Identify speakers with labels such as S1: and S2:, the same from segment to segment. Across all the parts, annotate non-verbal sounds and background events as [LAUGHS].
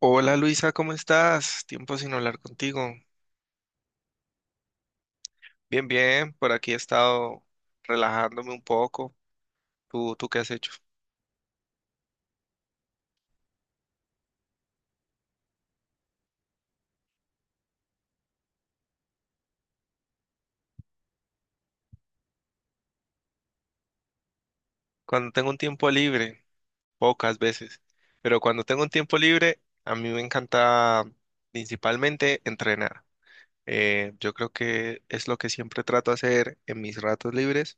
S1: Hola Luisa, ¿cómo estás? Tiempo sin hablar contigo. Bien, bien, por aquí he estado relajándome un poco. ¿Tú qué has hecho? Cuando tengo un tiempo libre, pocas veces, pero cuando tengo un tiempo libre, a mí me encanta principalmente entrenar. Yo creo que es lo que siempre trato de hacer en mis ratos libres.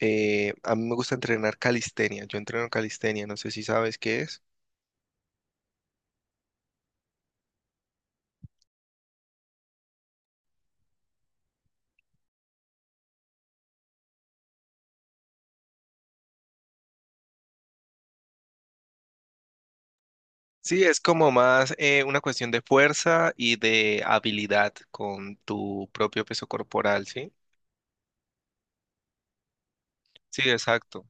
S1: A mí me gusta entrenar calistenia. Yo entreno calistenia, no sé si sabes qué es. Sí, es como más una cuestión de fuerza y de habilidad con tu propio peso corporal, ¿sí? Sí, exacto.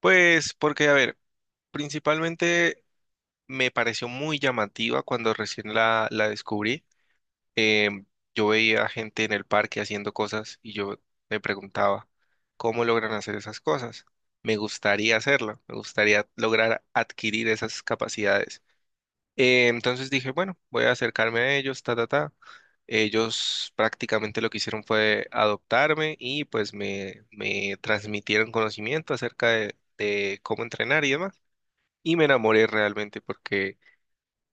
S1: Pues porque, a ver, principalmente me pareció muy llamativa cuando recién la descubrí. Em, yo veía gente en el parque haciendo cosas y yo me preguntaba, ¿cómo logran hacer esas cosas? Me gustaría hacerlo, me gustaría lograr adquirir esas capacidades. Entonces dije, bueno, voy a acercarme a ellos, ta, ta, ta. Ellos prácticamente lo que hicieron fue adoptarme y pues me transmitieron conocimiento acerca de cómo entrenar y demás. Y me enamoré realmente porque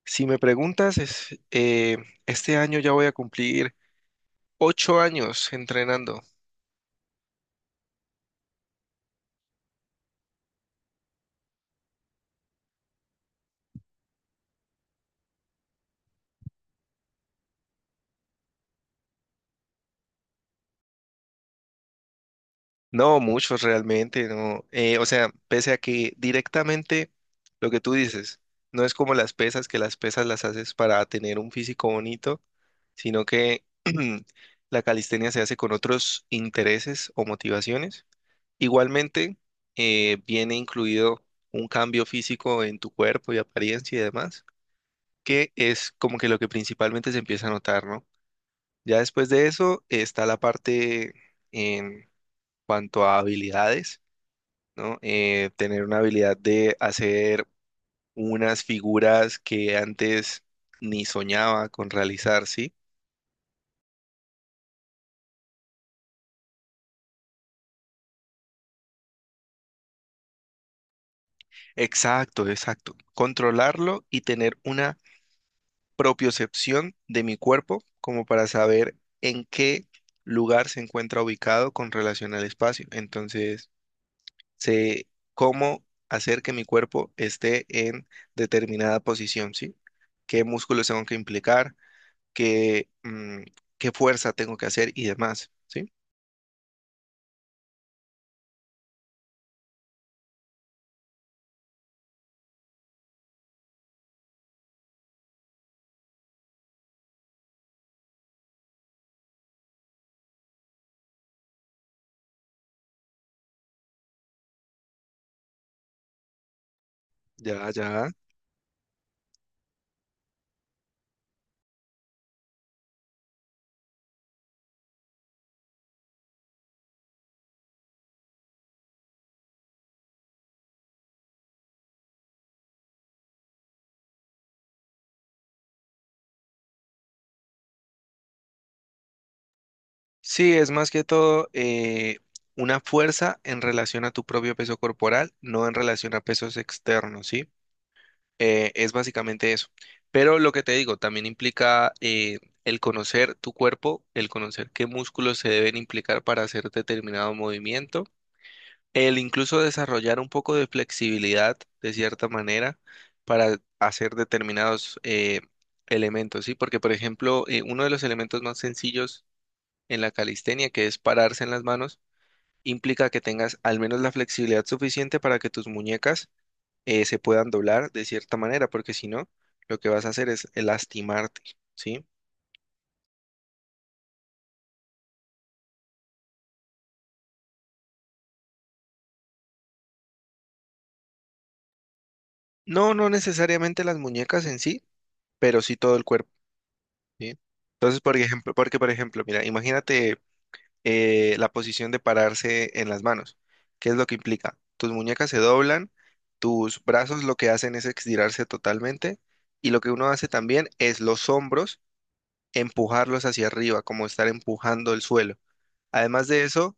S1: si me preguntas, es, este año ya voy a cumplir 8 años entrenando. No, muchos realmente, no. O sea, pese a que directamente lo que tú dices, no es como las pesas, que las pesas las haces para tener un físico bonito, sino que [CLEARS THROAT] la calistenia se hace con otros intereses o motivaciones. Igualmente, viene incluido un cambio físico en tu cuerpo y apariencia y demás, que es como que lo que principalmente se empieza a notar, ¿no? Ya después de eso está la parte en cuanto a habilidades, ¿no? Tener una habilidad de hacer unas figuras que antes ni soñaba con realizar, ¿sí? Exacto, exacto. Controlarlo y tener una propiocepción de mi cuerpo como para saber en qué lugar se encuentra ubicado con relación al espacio. Entonces, sé cómo hacer que mi cuerpo esté en determinada posición, ¿sí? ¿Qué músculos tengo que implicar? qué, mm, ¿Qué fuerza tengo que hacer y demás, ¿sí? Ya, ya. Sí, es más que todo una fuerza en relación a tu propio peso corporal, no en relación a pesos externos, ¿sí? Es básicamente eso. Pero lo que te digo, también implica el conocer tu cuerpo, el conocer qué músculos se deben implicar para hacer determinado movimiento. El incluso desarrollar un poco de flexibilidad, de cierta manera, para hacer determinados elementos, ¿sí? Porque, por ejemplo, uno de los elementos más sencillos en la calistenia, que es pararse en las manos, implica que tengas al menos la flexibilidad suficiente para que tus muñecas se puedan doblar de cierta manera, porque si no, lo que vas a hacer es lastimarte, ¿sí? No, no necesariamente las muñecas en sí, pero sí todo el cuerpo, ¿sí? Entonces, por ejemplo, porque, por ejemplo, mira, imagínate la posición de pararse en las manos. ¿Qué es lo que implica? Tus muñecas se doblan, tus brazos lo que hacen es estirarse totalmente y lo que uno hace también es los hombros empujarlos hacia arriba, como estar empujando el suelo. Además de eso,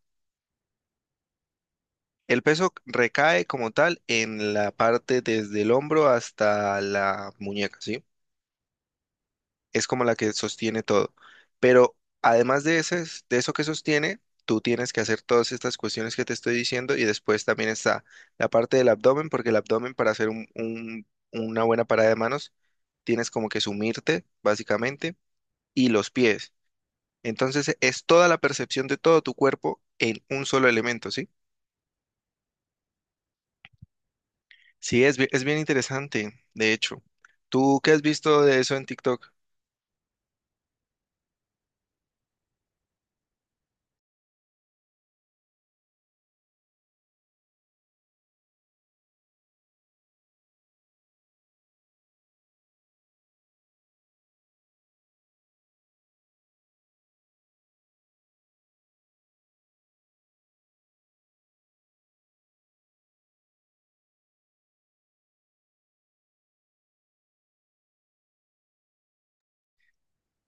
S1: el peso recae como tal en la parte desde el hombro hasta la muñeca, ¿sí? Es como la que sostiene todo. Pero además de ese, de eso que sostiene, tú tienes que hacer todas estas cuestiones que te estoy diciendo y después también está la parte del abdomen, porque el abdomen para hacer una buena parada de manos, tienes como que sumirte, básicamente, y los pies. Entonces es toda la percepción de todo tu cuerpo en un solo elemento, ¿sí? Sí, es bien interesante, de hecho. ¿Tú qué has visto de eso en TikTok?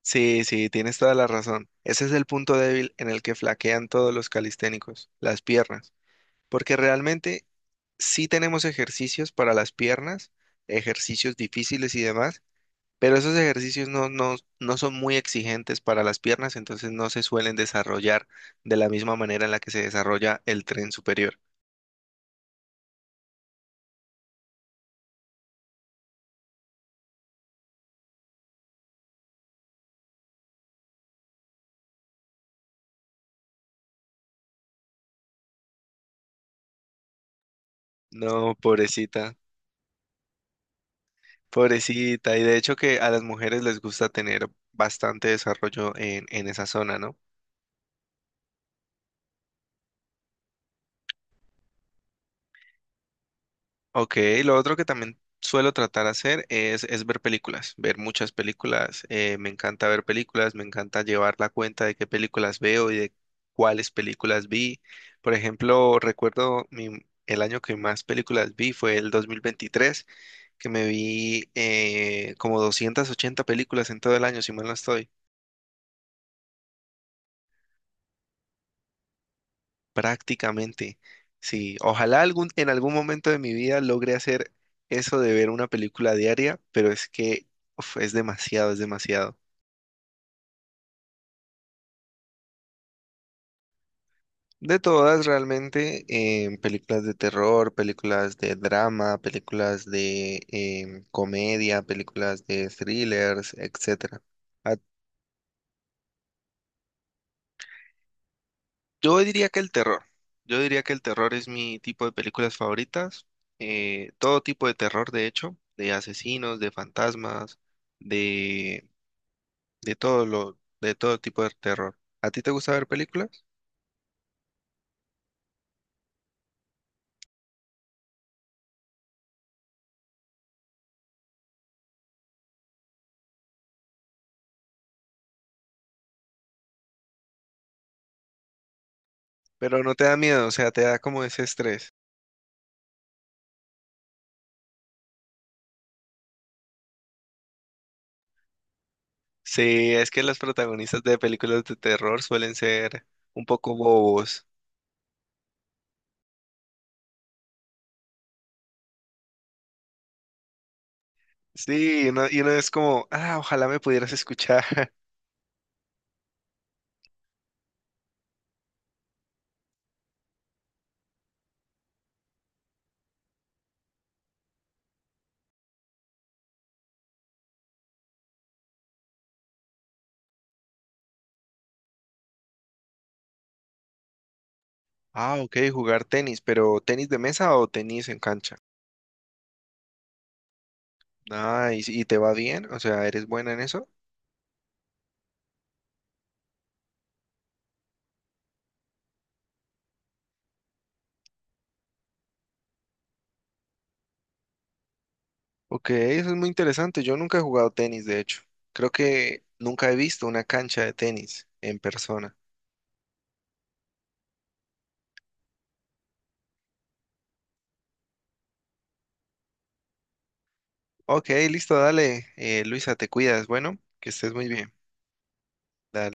S1: Sí, sí, tienes toda la razón. Ese es el punto débil en el que flaquean todos los calisténicos, las piernas, porque realmente sí tenemos ejercicios para las piernas, ejercicios difíciles y demás, pero esos ejercicios no son muy exigentes para las piernas, entonces no se suelen desarrollar de la misma manera en la que se desarrolla el tren superior. No, pobrecita, pobrecita, y de hecho que a las mujeres les gusta tener bastante desarrollo en esa zona, ¿no? Ok, lo otro que también suelo tratar de hacer es ver películas, ver muchas películas. Me encanta ver películas, me encanta llevar la cuenta de qué películas veo y de cuáles películas vi. Por ejemplo, recuerdo el año que más películas vi fue el 2023, que me vi como 280 películas en todo el año, si mal no estoy. Prácticamente, sí. Ojalá en algún momento de mi vida logre hacer eso de ver una película diaria, pero es que uf, es demasiado, es demasiado. De todas, realmente, películas de terror, películas de drama, películas de comedia, películas de thrillers, etcétera. ¿A Yo diría que el terror. Yo diría que el terror es mi tipo de películas favoritas. Todo tipo de terror, de hecho, de asesinos, de fantasmas, de, de todo de todo tipo de terror. ¿A ti te gusta ver películas? Pero no te da miedo, o sea, te da como ese estrés. Sí, es que los protagonistas de películas de terror suelen ser un poco bobos. Sí, y uno es como, ah, ojalá me pudieras escuchar. [LAUGHS] Ah, ok, jugar tenis, pero ¿tenis de mesa o tenis en cancha? Ah, ¿y te va bien? O sea, ¿eres buena en eso? Ok, eso es muy interesante. Yo nunca he jugado tenis, de hecho. Creo que nunca he visto una cancha de tenis en persona. Ok, listo, dale. Luisa, te cuidas. Bueno, que estés muy bien. Dale.